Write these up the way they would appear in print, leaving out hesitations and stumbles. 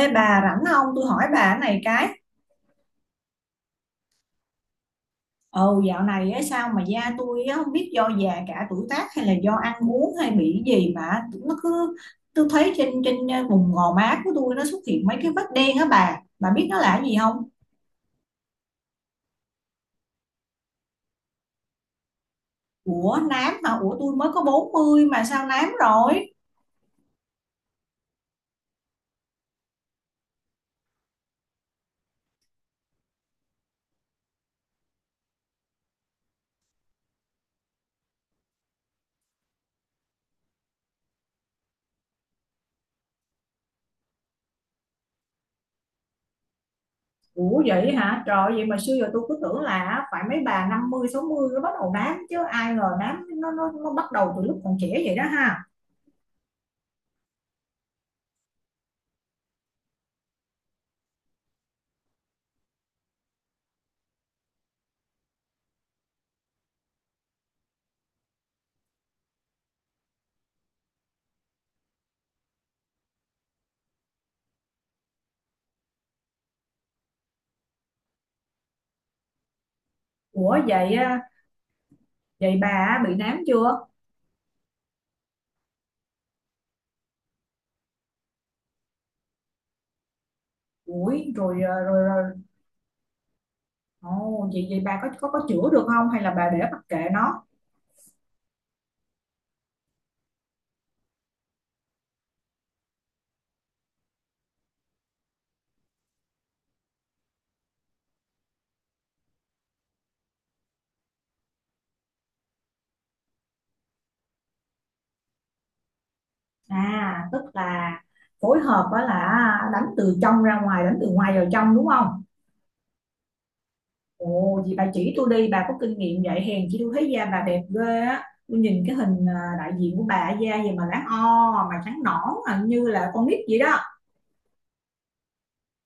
Ê bà rảnh không? Tôi hỏi bà cái này cái. Ồ, dạo này á, sao mà da tôi á, không biết do già cả tuổi tác hay là do ăn uống hay bị cái gì mà nó cứ. Tôi thấy trên trên ờ, vùng gò má của tôi nó xuất hiện mấy cái vết đen á bà. Bà biết nó là cái gì không? Ủa nám hả? Ủa tôi mới có 40 mà sao nám rồi? Ủa vậy hả? Trời, vậy mà xưa giờ tôi cứ tưởng là phải mấy bà 50 60 nó bắt đầu nám, chứ ai ngờ nám nó bắt đầu từ lúc còn trẻ vậy đó ha. Ủa vậy á, vậy bà bị nám chưa? Ủi rồi, rồi rồi. Ồ vậy vậy bà có chữa được không hay là bà để mặc kệ nó? À tức là phối hợp đó là đánh từ trong ra ngoài, đánh từ ngoài vào trong, đúng không? Ồ vậy bà chỉ tôi đi, bà có kinh nghiệm vậy hèn chi tôi thấy da bà đẹp ghê á. Tôi nhìn cái hình đại diện của bà da gì mà láng o mà trắng nõn, à, như là con nít vậy đó.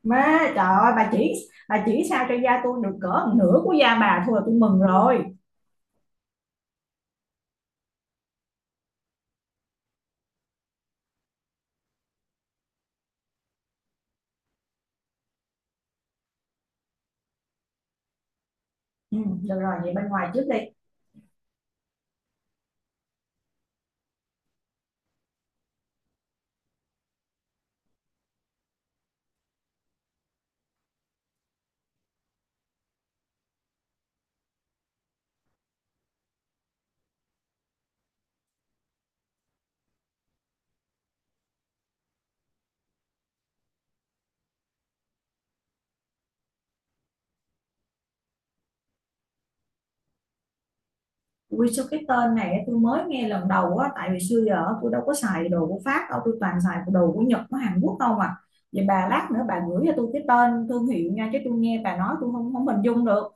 Mê. Trời ơi bà chỉ, bà chỉ sao cho da tôi được cỡ một nửa của da bà thôi là tôi mừng rồi. Ừ, được rồi, vậy bên ngoài trước đi. Ui sao cái tên này á, tôi mới nghe lần đầu á, tại vì xưa giờ tôi đâu có xài đồ của Pháp đâu, tôi toàn xài đồ của Nhật của Hàn Quốc đâu mà. Vậy bà lát nữa bà gửi cho tôi cái tên thương hiệu nha, chứ tôi nghe bà nói tôi không không hình dung được.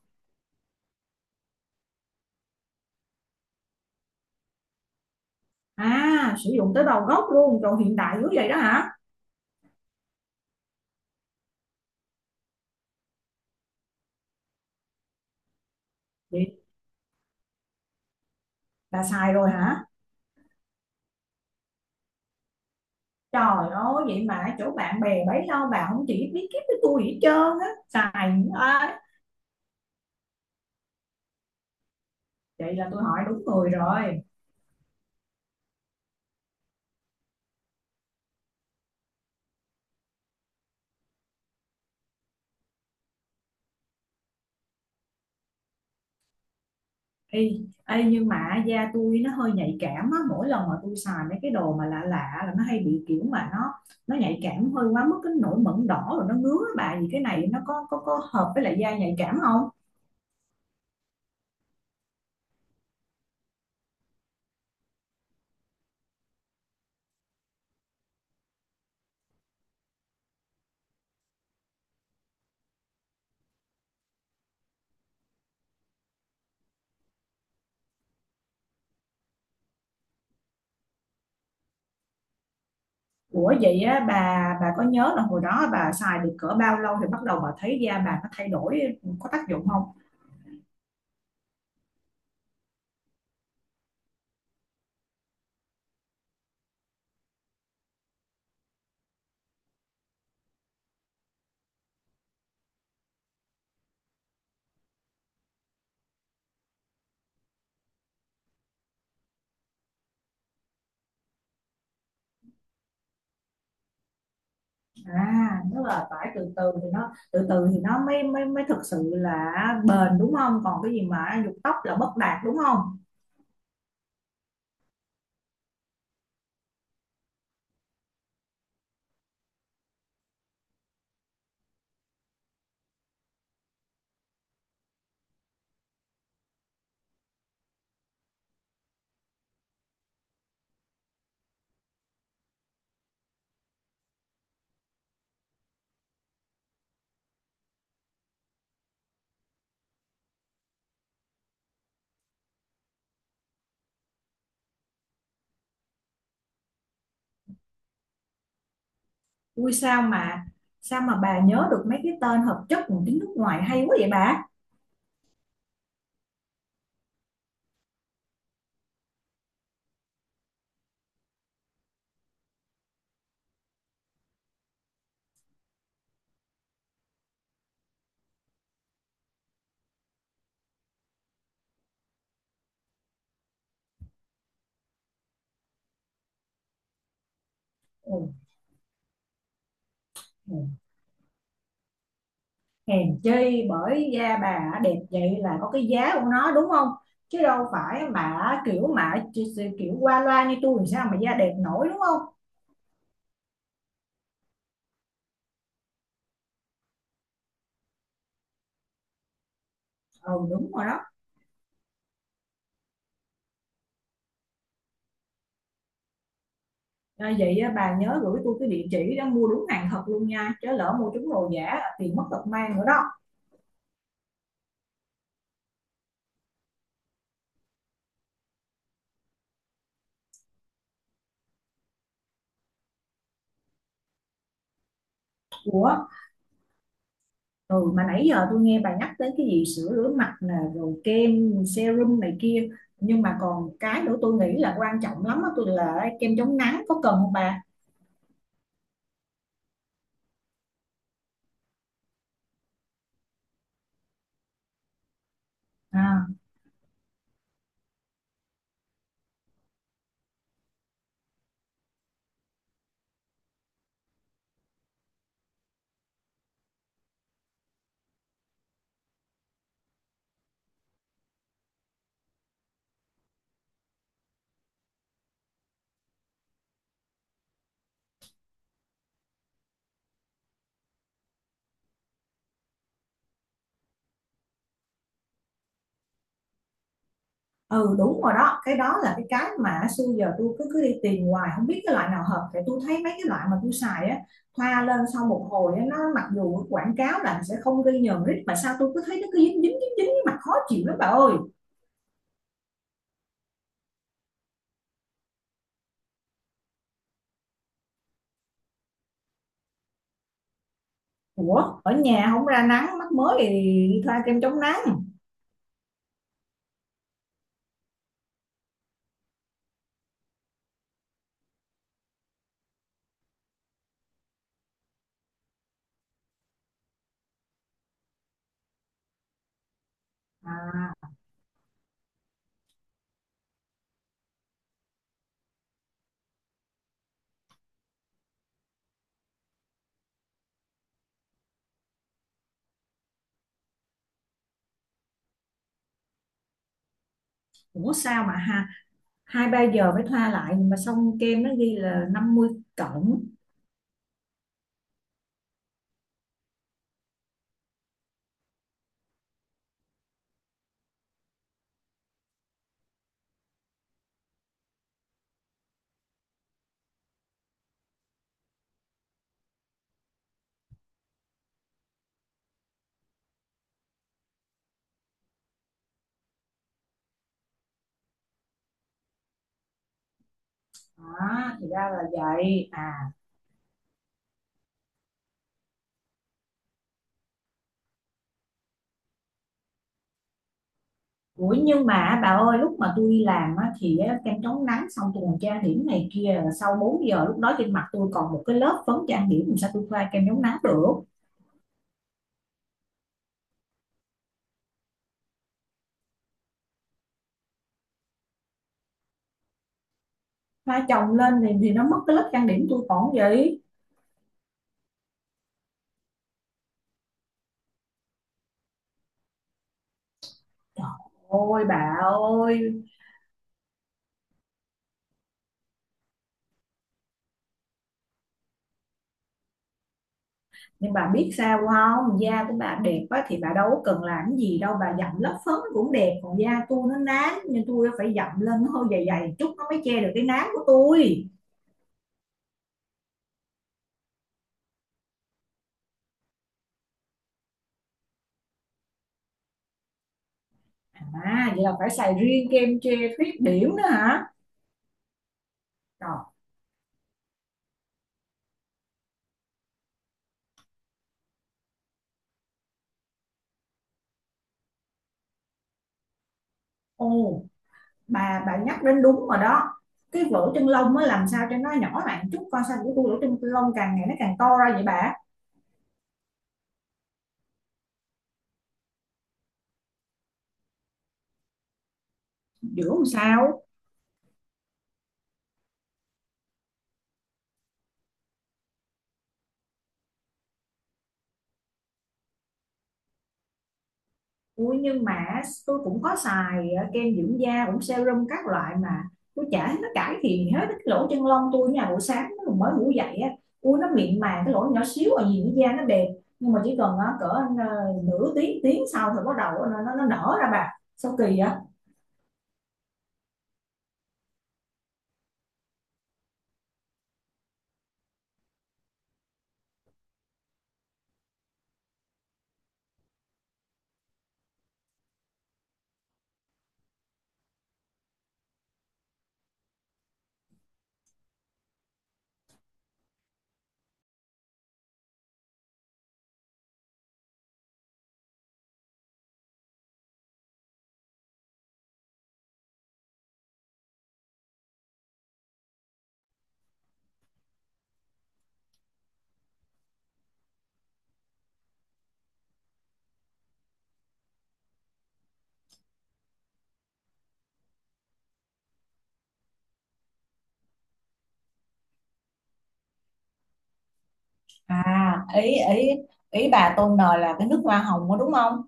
À sử dụng tới đầu gốc luôn, còn hiện đại dữ vậy đó hả. Vậy bà xài rồi hả? Trời ơi vậy mà ở chỗ bạn bè bấy lâu bà không chỉ biết kiếp với tôi gì hết trơn á, xài à. Vậy là tôi hỏi đúng người rồi. Ê, ê, nhưng mà da tôi nó hơi nhạy cảm á, mỗi lần mà tôi xài mấy cái đồ mà lạ lạ là nó hay bị kiểu mà nó nhạy cảm hơi quá mức cái nổi mẩn đỏ rồi nó ngứa á bà, thì cái này nó có hợp với lại da nhạy cảm không? Ủa vậy á, bà có nhớ là hồi đó bà xài được cỡ bao lâu thì bắt đầu bà thấy da bà nó thay đổi, có tác dụng không? À, tức là phải từ từ thì nó, từ từ thì nó mới mới mới thực sự là bền đúng không? Còn cái gì mà dục tóc là bất đạt đúng không? Ui sao mà bà nhớ được mấy cái tên hợp chất của tiếng nước ngoài hay quá vậy bà? Ồ, ồ, hèn chi bởi da bà đẹp vậy là có cái giá của nó đúng không? Chứ đâu phải mà kiểu mà chỉ kiểu qua loa như tôi làm sao mà da đẹp nổi đúng không? Ừ đúng rồi đó. À, vậy á, bà nhớ gửi tôi cái địa chỉ đó mua đúng hàng thật luôn nha, chứ lỡ mua trúng đồ giả tiền mất tật mang nữa đó. Ủa ừ, mà nãy giờ tôi nghe bà nhắc tới cái gì sữa rửa mặt nè rồi kem serum này kia, nhưng mà còn cái nữa tôi nghĩ là quan trọng lắm á, tôi là kem chống nắng có cần không bà? À ừ đúng rồi đó, cái đó là cái mà xưa giờ tôi cứ cứ đi tìm hoài không biết cái loại nào hợp, tại tôi thấy mấy cái loại mà tôi xài á, thoa lên sau một hồi á, nó mặc dù quảng cáo là sẽ không gây nhờn rít mà sao tôi cứ thấy nó cứ dính dính dính dính mặt khó chịu lắm bà ơi. Ủa ở nhà không ra nắng mắt mới thì thoa kem chống nắng à? Ủa sao mà ha, 2-3 giờ mới thoa lại mà xong kem nó ghi là 50+. Đó thì ra là vậy à. Ủa nhưng mà bà ơi lúc mà tôi đi làm á, thì á, kem chống nắng xong tôi còn trang điểm này kia, là sau 4 giờ lúc đó trên mặt tôi còn một cái lớp phấn trang điểm, làm sao tôi thoa kem chống nắng được. Thoa chồng lên thì nó mất cái lớp trang điểm tôi còn gì. Trời ơi bà ơi. Nhưng bà biết sao không, da của bà đẹp á, thì bà đâu có cần làm cái gì đâu, bà dặm lớp phấn cũng đẹp, còn da tôi nó nám nên tôi phải dặm lên nó hơi dày dày chút nó mới che được cái nám của tôi. À vậy là phải xài riêng kem che khuyết điểm nữa hả. Rồi. Ồ bà nhắc đến đúng rồi đó. Cái lỗ chân lông á làm sao cho nó nhỏ lại chút coi, sao của tôi lỗ chân lông càng ngày nó càng to ra vậy bà? Giữ làm sao. Ui nhưng mà tôi cũng có xài kem dưỡng da cũng serum các loại mà tôi chả thấy nó cải thiện hết cái lỗ chân lông tôi. Nhà buổi sáng nó mới ngủ dậy á, ui nó mịn màng cái lỗ nhỏ xíu ở gì nữa, da nó đẹp, nhưng mà chỉ cần cỡ nửa tiếng tiếng sau thì bắt đầu nó nở ra bà, sao kỳ vậy? À, ý ý ý bà tôn nờ là cái nước hoa hồng đó đúng không?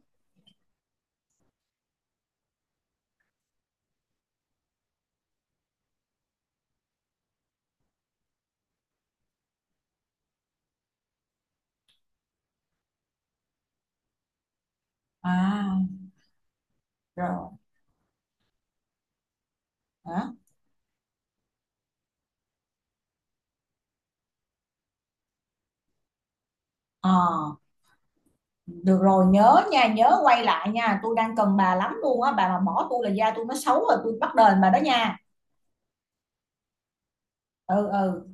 À, rồi. Hả? Ờ. Được rồi nhớ nha, nhớ quay lại nha, tôi đang cần bà lắm luôn á, bà mà bỏ tôi là da tôi nó xấu rồi tôi bắt đền bà đó nha. Ừ ừ.